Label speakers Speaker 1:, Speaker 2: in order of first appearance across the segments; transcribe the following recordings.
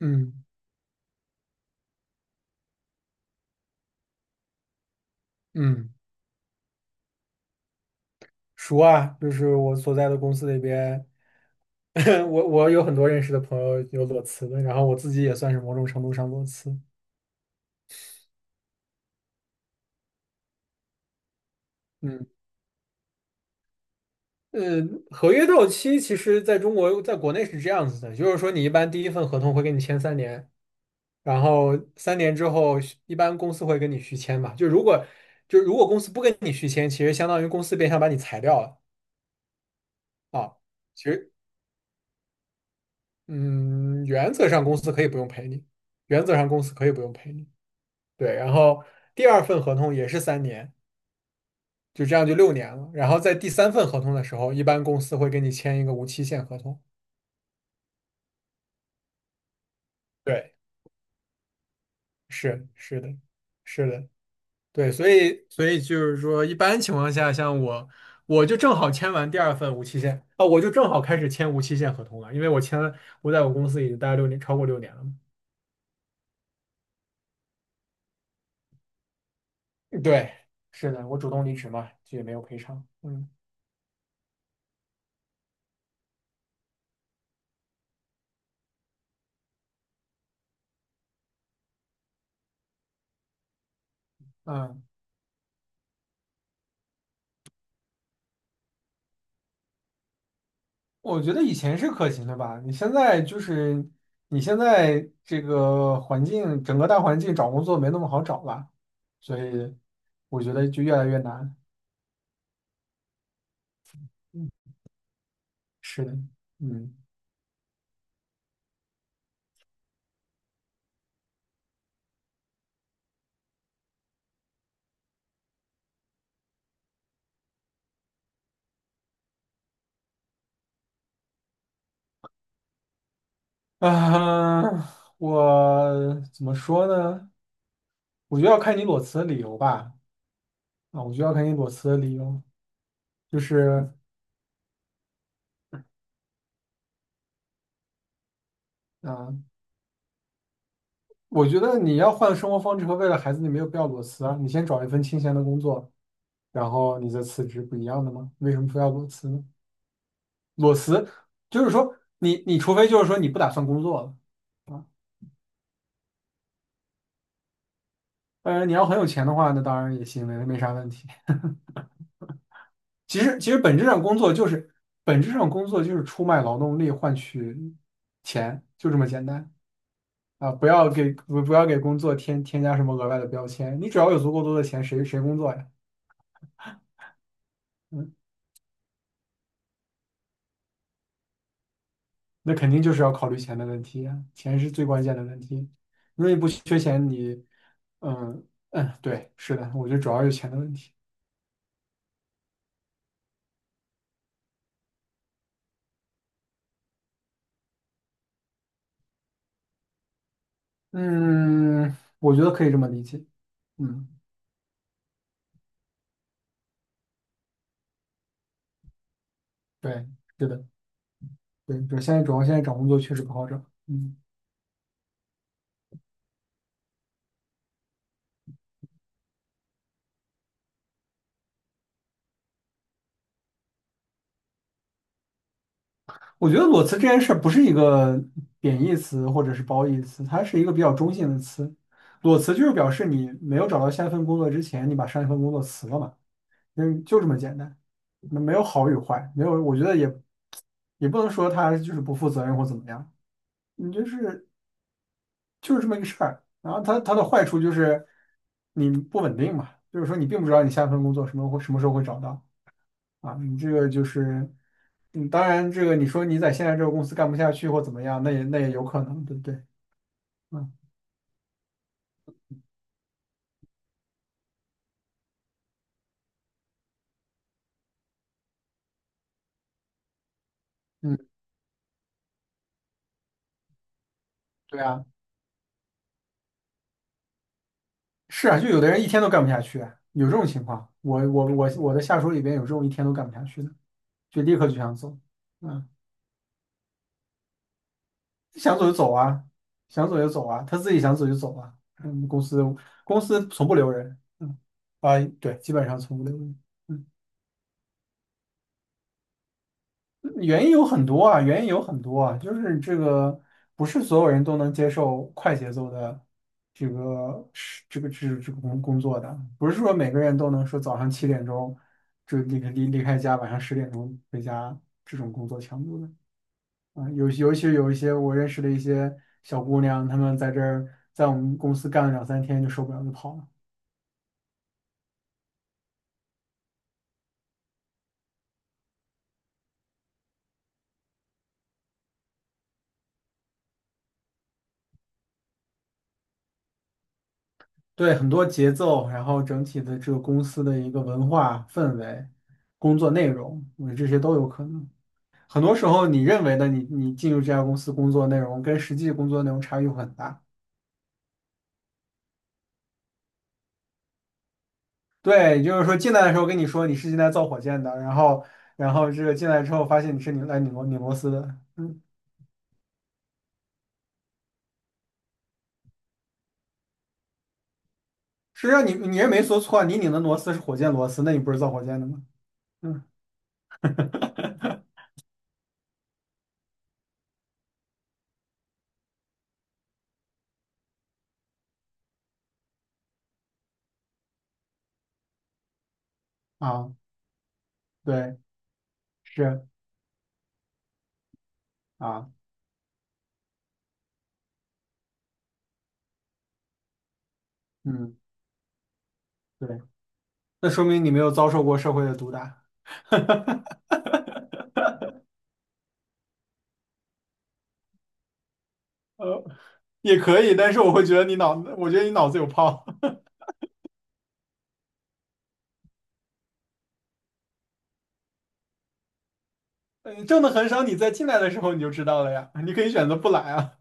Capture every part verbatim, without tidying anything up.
Speaker 1: 嗯嗯，熟啊，就是我所在的公司里边，我我有很多认识的朋友有裸辞的，然后我自己也算是某种程度上裸辞。嗯，呃，合约到期其实在中国，在国内是这样子的，就是说你一般第一份合同会跟你签三年，然后三年之后一般公司会跟你续签嘛，就如果就如果公司不跟你续签，其实相当于公司变相把你裁掉了啊。其实，嗯，原则上公司可以不用赔你，原则上公司可以不用赔你。对，然后第二份合同也是三年，就这样就六年了。然后在第三份合同的时候，一般公司会跟你签一个无期限合同。对，是是的，是的，对，所以所以就是说，一般情况下，像我，我就正好签完第二份无期限啊，我就正好开始签无期限合同了，因为我签了，我在我公司已经待了六年，超过六年了嘛。对，是的，我主动离职嘛，就也没有赔偿。嗯嗯。我觉得以前是可行的吧，你现在就是你现在这个环境，整个大环境找工作没那么好找了，所以我觉得就越来越难。嗯，是的，嗯啊，我怎么说呢？我觉得要看你裸辞的理由吧。啊，我觉得要看你裸辞的理由，就是啊，我觉得你要换生活方式和为了孩子，你没有必要裸辞啊。你先找一份清闲的工作，然后你再辞职，不一样的吗？为什么非要裸辞呢？裸辞就是说你你除非就是说你不打算工作了，当然你要很有钱的话，那当然也行，没没啥问题。其实其实本质上工作就是本质上工作就是出卖劳动力换取钱，就这么简单啊！不要给不不要给工作添添加什么额外的标签，你只要有足够多的钱，谁谁工作呀？嗯，那肯定就是要考虑钱的问题呀，钱是最关键的问题。如果你不缺钱，你，嗯嗯，对，是的，我觉得主要是钱的问题。嗯，我觉得可以这么理解。嗯，对，是的，对，对，现在主要现在找工作确实不好找。嗯，我觉得裸辞这件事儿不是一个贬义词或者是褒义词，它是一个比较中性的词。裸辞就是表示你没有找到下一份工作之前，你把上一份工作辞了嘛，嗯，就这么简单。那没有好与坏，没有，我觉得也也不能说他就是不负责任或怎么样。你就是就是这么一个事儿。然后它它的坏处就是你不稳定嘛，就是说你并不知道你下一份工作什么会什么时候会找到啊。你这个就是，嗯，当然这个你说你在现在这个公司干不下去或怎么样，那也那也有可能，对不对？嗯嗯，对啊，是啊，就有的人一天都干不下去啊有这种情况。我我我我的下属里边有这种一天都干不下去的，就立刻就想走。嗯。想走就走啊，想走就走啊，他自己想走就走啊。嗯，公司公司从不留人，嗯啊，对，基本上从不留人。嗯，原因有很多啊，原因有很多啊，就是这个不是所有人都能接受快节奏的这个是这个这个这个工工作的，不是说每个人都能说早上七点钟就离开离离开家，晚上十点钟回家这种工作强度的。啊，有尤其是有一些我认识的一些小姑娘，她们在这儿，在我们公司干了两三天就受不了就跑了。对，很多节奏，然后整体的这个公司的一个文化氛围、工作内容，我觉得这些都有可能。很多时候，你认为的你你进入这家公司工作内容，跟实际工作内容差异会很大。对，就是说进来的时候跟你说你是进来造火箭的，然后然后这个进来之后发现你是拧来拧螺拧螺丝的，嗯，实际上你你也没说错，你拧的螺丝是火箭螺丝，那你不是造火箭的吗？嗯，啊，对，是啊，嗯，对，那说明你没有遭受过社会的毒打。呃，也可以，但是我会觉得你脑，我觉得你脑子有泡。呃挣的很少，你在进来的时候你就知道了呀，你可以选择不来啊。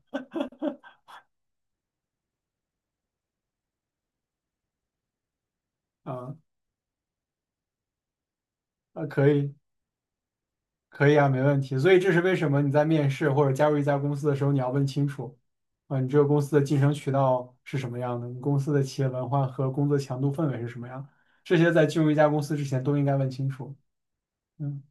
Speaker 1: 啊啊，可以，可以啊，没问题。所以这是为什么你在面试或者加入一家公司的时候，你要问清楚啊，你这个公司的晋升渠道是什么样的，你公司的企业文化和工作强度氛围是什么样，这些在进入一家公司之前都应该问清楚。嗯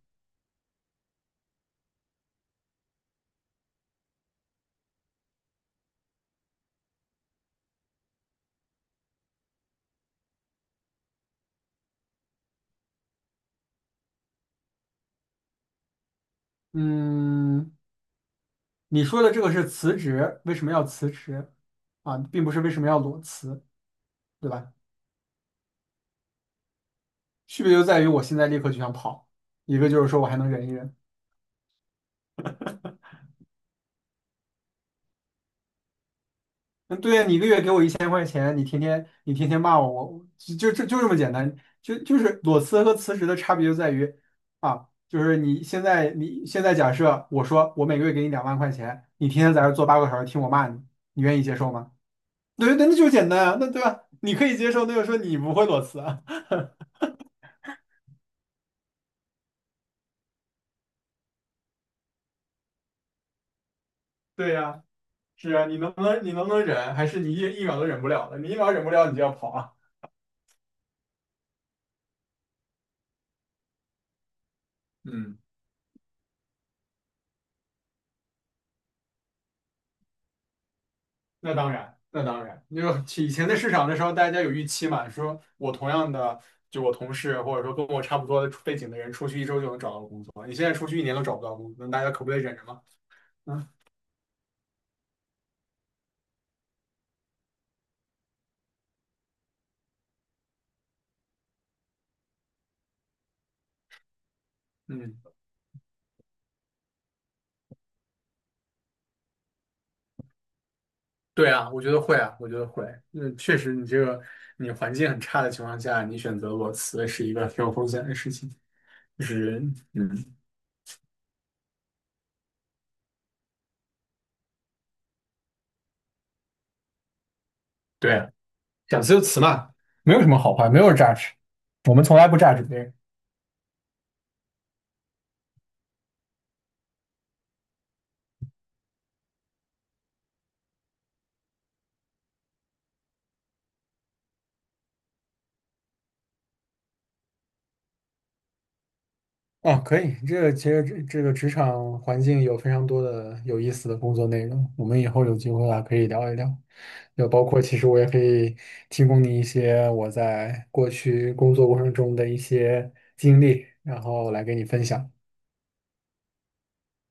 Speaker 1: 嗯，你说的这个是辞职，为什么要辞职啊？并不是为什么要裸辞，对吧？区别就在于我现在立刻就想跑，一个就是说我还能忍一忍。嗯，对呀，你一个月给我一千块钱，你天天你天天骂我，我就就就就这么简单，就就是裸辞和辞职的差别就在于啊，就是你现在你现在假设我说我每个月给你两万块钱，你天天在这儿坐八个小时听我骂你，你愿意接受吗？对，那那就简单啊，那对吧？你可以接受，那就说你不会裸辞啊。对呀，是啊，你能不能你能不能忍？还是你一一秒都忍不了了？你一秒忍不了，你就要跑啊？嗯，那当然，那当然，就以前的市场的时候，大家有预期嘛，说我同样的，就我同事或者说跟我差不多的背景的人，出去一周就能找到工作，你现在出去一年都找不到工作，那大家可不得忍着吗？嗯嗯，对啊，我觉得会啊，我觉得会。嗯，确实，你这个你环境很差的情况下，你选择裸辞是一个挺有风险的事情，就是嗯。对，讲词由词嘛。没有什么好坏，没有 judge，我们从来不 judge 别人。哦，可以，这个其实这这个职场环境有非常多的有意思的工作内容，我们以后有机会啊可以聊一聊。就包括其实我也可以提供你一些我在过去工作过程中的一些经历，然后来给你分享。